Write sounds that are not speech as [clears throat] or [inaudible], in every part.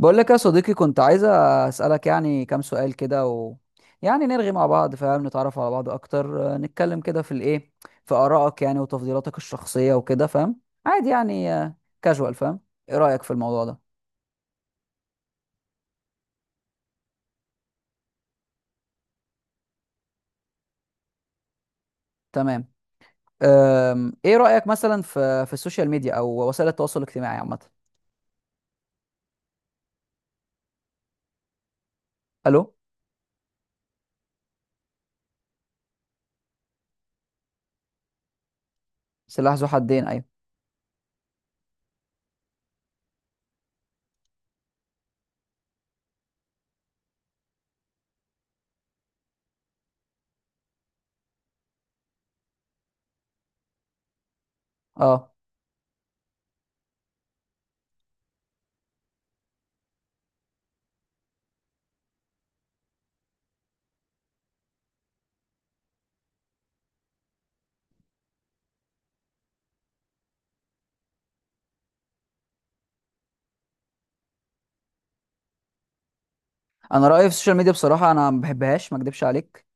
بقول لك يا صديقي، كنت عايز اسالك يعني كام سؤال كده و يعني نرغي مع بعض، فاهم، نتعرف على بعض اكتر، نتكلم كده في الايه، في ارائك يعني وتفضيلاتك الشخصيه وكده، فاهم؟ عادي يعني، كاجوال، فاهم؟ ايه رايك في الموضوع ده؟ تمام. ايه رايك مثلا في السوشيال ميديا او وسائل التواصل الاجتماعي عامه؟ الو؟ سلاح ذو حدين، ايوه. اه، انا رايي في السوشيال ميديا بصراحه، انا ما بحبهاش، ما اكدبش عليك.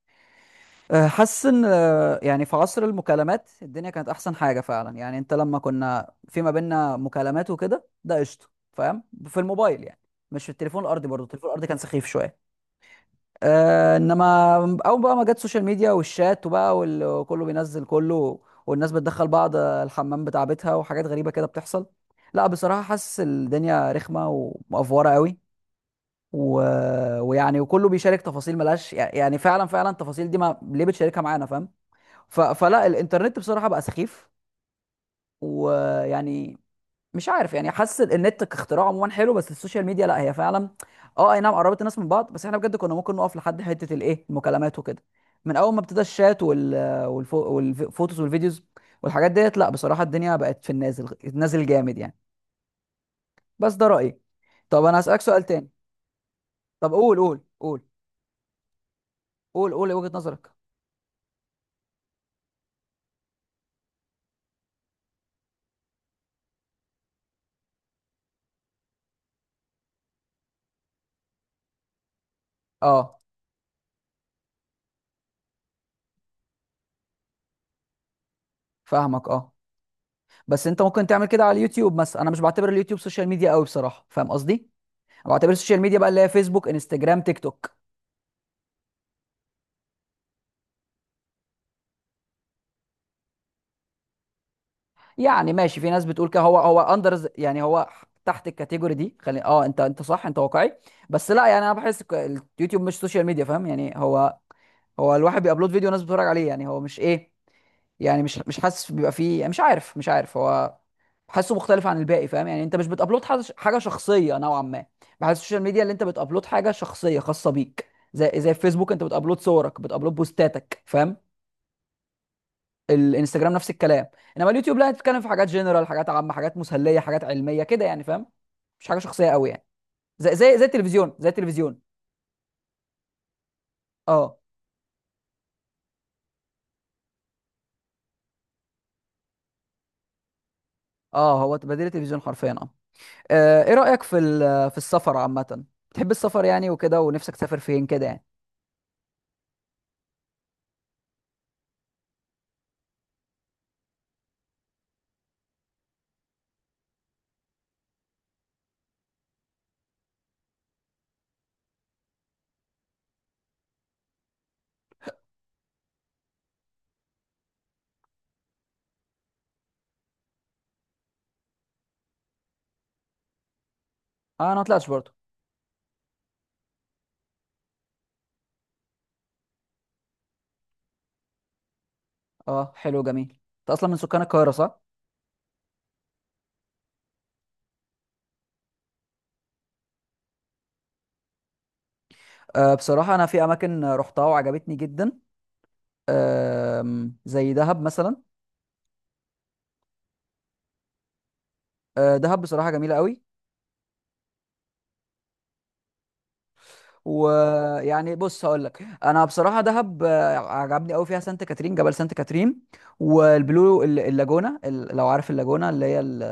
حاسس ان يعني في عصر المكالمات الدنيا كانت احسن حاجه فعلا، يعني انت لما كنا في ما بيننا مكالمات وكده، ده قشطه، فاهم؟ في الموبايل يعني، مش في التليفون الارضي. برضه التليفون الارضي كان سخيف شويه. أه، انما اول بقى ما جت السوشيال ميديا والشات وبقى وكله بينزل كله، والناس بتدخل بعض الحمام بتاع بيتها، وحاجات غريبه كده بتحصل. لا بصراحه حاسس الدنيا رخمه ومقفوره قوي. و... ويعني وكله بيشارك تفاصيل ملهاش، يعني فعلا فعلا التفاصيل دي ما ليه بتشاركها معانا، فاهم؟ فلا الانترنت بصراحه بقى سخيف. ويعني مش عارف، يعني حاسس النت كاختراع عموما حلو، بس السوشيال ميديا لا، هي فعلا. اه، اي نعم قربت الناس من بعض، بس احنا بجد كنا ممكن نقف لحد حته الايه المكالمات وكده. من اول ما ابتدى الشات والفوتوز والفيديوز والحاجات ديت، لا بصراحه الدنيا بقت في النازل، نازل جامد يعني. بس ده رايي. طب انا هسالك سؤال تاني. طب قول قول قول قول قول وجهه نظرك. اه فاهمك، اه. بس انت ممكن تعمل كده على اليوتيوب مثلا. انا مش بعتبر اليوتيوب سوشيال ميديا قوي بصراحه، فاهم قصدي؟ بعتبر السوشيال ميديا بقى اللي هي فيسبوك، انستجرام، تيك توك. يعني ماشي، في ناس بتقول كده هو هو اندر يعني، هو تحت الكاتيجوري دي، خلي، اه انت انت صح، انت واقعي. بس لا يعني انا بحس اليوتيوب مش سوشيال ميديا، فاهم يعني هو، هو الواحد بيابلود فيديو وناس بتتفرج عليه، يعني هو مش ايه، يعني مش حاسس بيبقى فيه، يعني مش عارف، هو بحسه مختلف عن الباقي، فاهم يعني؟ انت مش بتابلود حاجة شخصيه نوعا ما. بحس السوشيال ميديا اللي انت بتابلود حاجه شخصيه خاصه بيك، زي زي فيسبوك انت بتابلود صورك، بتابلود بوستاتك، فاهم؟ الانستجرام نفس الكلام. انما اليوتيوب لا، بتتكلم في حاجات جنرال، حاجات عامه، حاجات مسليه، حاجات علميه كده يعني، فاهم؟ مش حاجه شخصيه قوي يعني، زي زي زي التلفزيون، زي التلفزيون. اه. اه هو بديل التلفزيون حرفيا، اه. ايه رايك في السفر عامه؟ بتحب السفر يعني وكده، ونفسك تسافر فين كده يعني؟ اه انا ما طلعتش برضه. اه حلو جميل. انت اصلا من سكان القاهره، صح؟ آه بصراحه انا في اماكن رحتها وعجبتني جدا. آه، زي دهب مثلا. آه دهب بصراحه جميله قوي. ويعني بص هقول لك، انا بصراحه دهب عجبني قوي، فيها سانت كاترين، جبل سانت كاترين، والبلو اللاجونه، لو عارف اللاجونه اللي هي ال-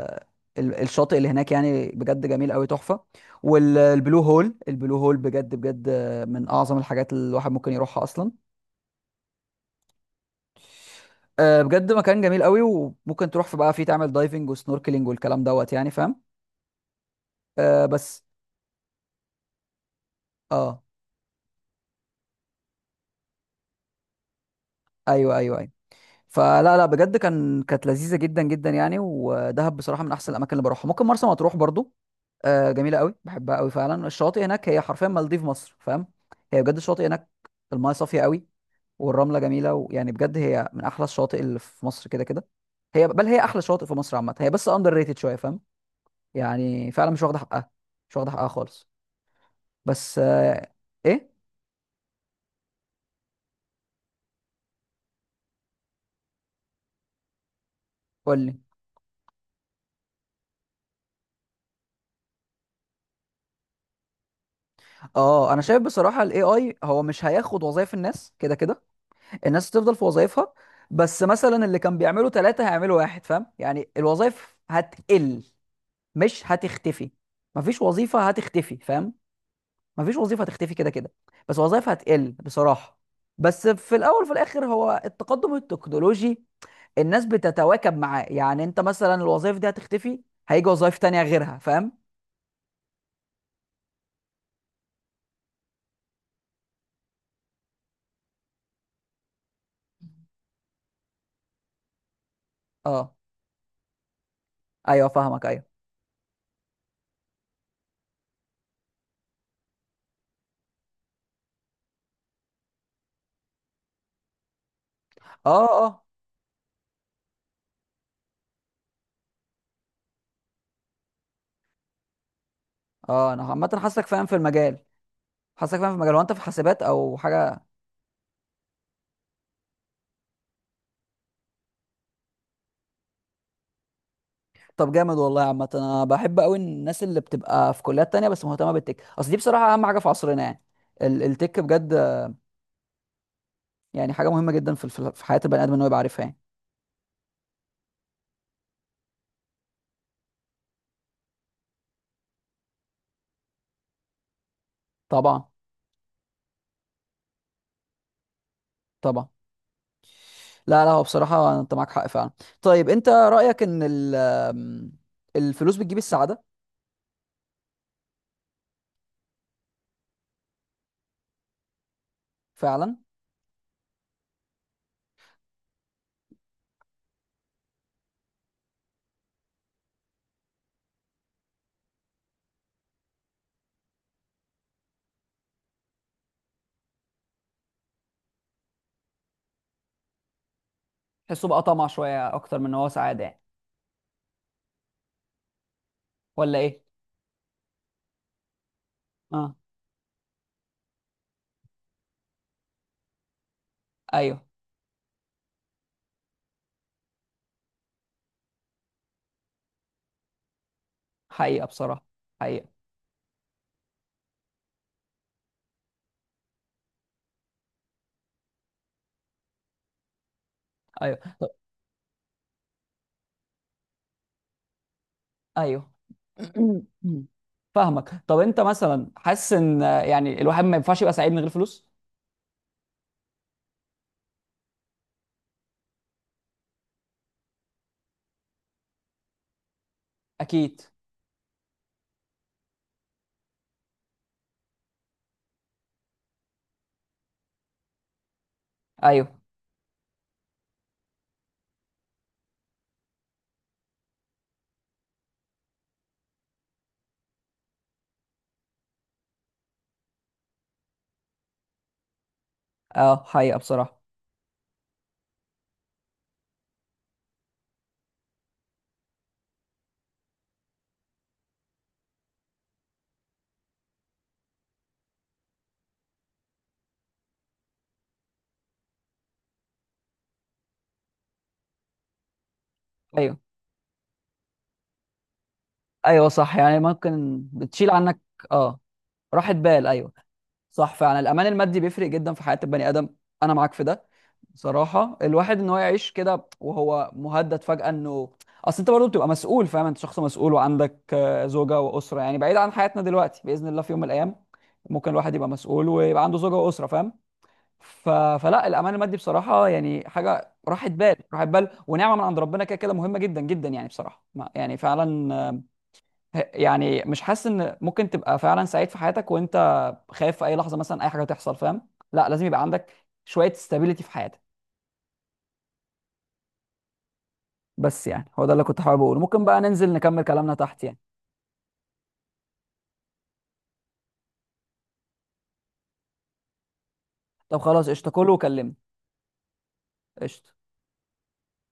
ال- الشاطئ اللي هناك، يعني بجد جميل قوي، تحفه. والبلو هول، البلو هول بجد بجد، من اعظم الحاجات اللي الواحد ممكن يروحها اصلا. بجد مكان جميل قوي، وممكن تروح في بقى فيه تعمل دايفنج وسنوركلينج والكلام دوت يعني، فاهم؟ بس اه. ايوه ايوه أيوه. فلا لا بجد كان كانت لذيذه جدا جدا يعني، ودهب بصراحه من احسن الاماكن اللي بروحها. ممكن مرسى مطروح برضو، جميله قوي، بحبها قوي فعلا. الشواطئ هناك هي حرفيا مالديف مصر، فاهم؟ هي بجد الشواطئ هناك المايه صافيه قوي، والرمله جميله، ويعني بجد هي من احلى الشواطئ اللي في مصر كده كده. هي بل هي احلى شواطئ في مصر عامه، هي بس اندر ريتد شويه، فاهم؟ يعني فعلا مش واخده حقها، مش واخده حقها خالص. بس ايه. قول لي. اه انا شايف بصراحه الاي اي هو مش هياخد وظايف الناس كده كده. الناس هتفضل في وظائفها، بس مثلا اللي كان بيعمله ثلاثة هيعملوا واحد، فاهم؟ يعني الوظائف هتقل، مش هتختفي. مفيش وظيفة هتختفي، فاهم؟ مفيش وظيفة هتختفي كده كده، بس وظائف هتقل بصراحة. بس في الأول وفي الآخر هو التقدم التكنولوجي الناس بتتواكب معاه، يعني أنت مثلا الوظائف دي هتختفي، هيجي وظائف تانية غيرها، فاهم؟ اه ايوه فاهمك، ايوه. اه اه اه انا عامة حاسك فاهم في المجال، حاسك فاهم في المجال، وانت في حاسبات او حاجة؟ طب جامد والله يا عامة. انا بحب قوي الناس اللي بتبقى في كليات تانية بس مهتمة بالتك، اصل دي بصراحة اهم حاجة في عصرنا يعني، التك بجد. يعني حاجة مهمة جدا في حياة البني ادم ان هو يبقى عارفها يعني. طبعا طبعا. لا لا هو بصراحة انت معاك حق فعلا. طيب انت رأيك ان الفلوس بتجيب السعادة؟ فعلا. تحسه بقى طمع شوية اكتر من ان هو سعادة يعني؟ ولا ايه؟ اه، ايوه. حقيقة بصراحة. حقيقة. ايوه. ايوه. [clears throat] فاهمك. طب انت مثلا حاسس ان يعني الواحد ما ينفعش يبقى سعيد من غير فلوس؟ اكيد. ايوه. اه حقيقة بصراحة. ايوه. ايوه صح، يعني ممكن بتشيل عنك. اه. راحة بال، ايوه. صح فعلا الامان المادي بيفرق جدا في حياة البني ادم، انا معاك في ده. صراحة الواحد ان هو يعيش كده وهو مهدد فجأة انه، اصل انت برضه بتبقى مسؤول، فاهم؟ انت شخص مسؤول، وعندك زوجة وأسرة يعني، بعيد عن حياتنا دلوقتي، بإذن الله في يوم من الأيام ممكن الواحد يبقى مسؤول ويبقى عنده زوجة وأسرة، فاهم؟ ف... فلا الأمان المادي بصراحة يعني حاجة، راحة بال راحة بال ونعمة من عند ربنا كده كده، مهمة جدا جدا يعني بصراحة. ما يعني فعلا، يعني مش حاسس ان ممكن تبقى فعلا سعيد في حياتك وانت خايف في اي لحظة مثلا اي حاجة تحصل، فاهم؟ لا لازم يبقى عندك شوية استابيليتي في حياتك. بس يعني هو ده اللي كنت حابب اقوله. ممكن بقى ننزل نكمل كلامنا تحت يعني. طب خلاص قشطة، كله وكلمني. قشطة.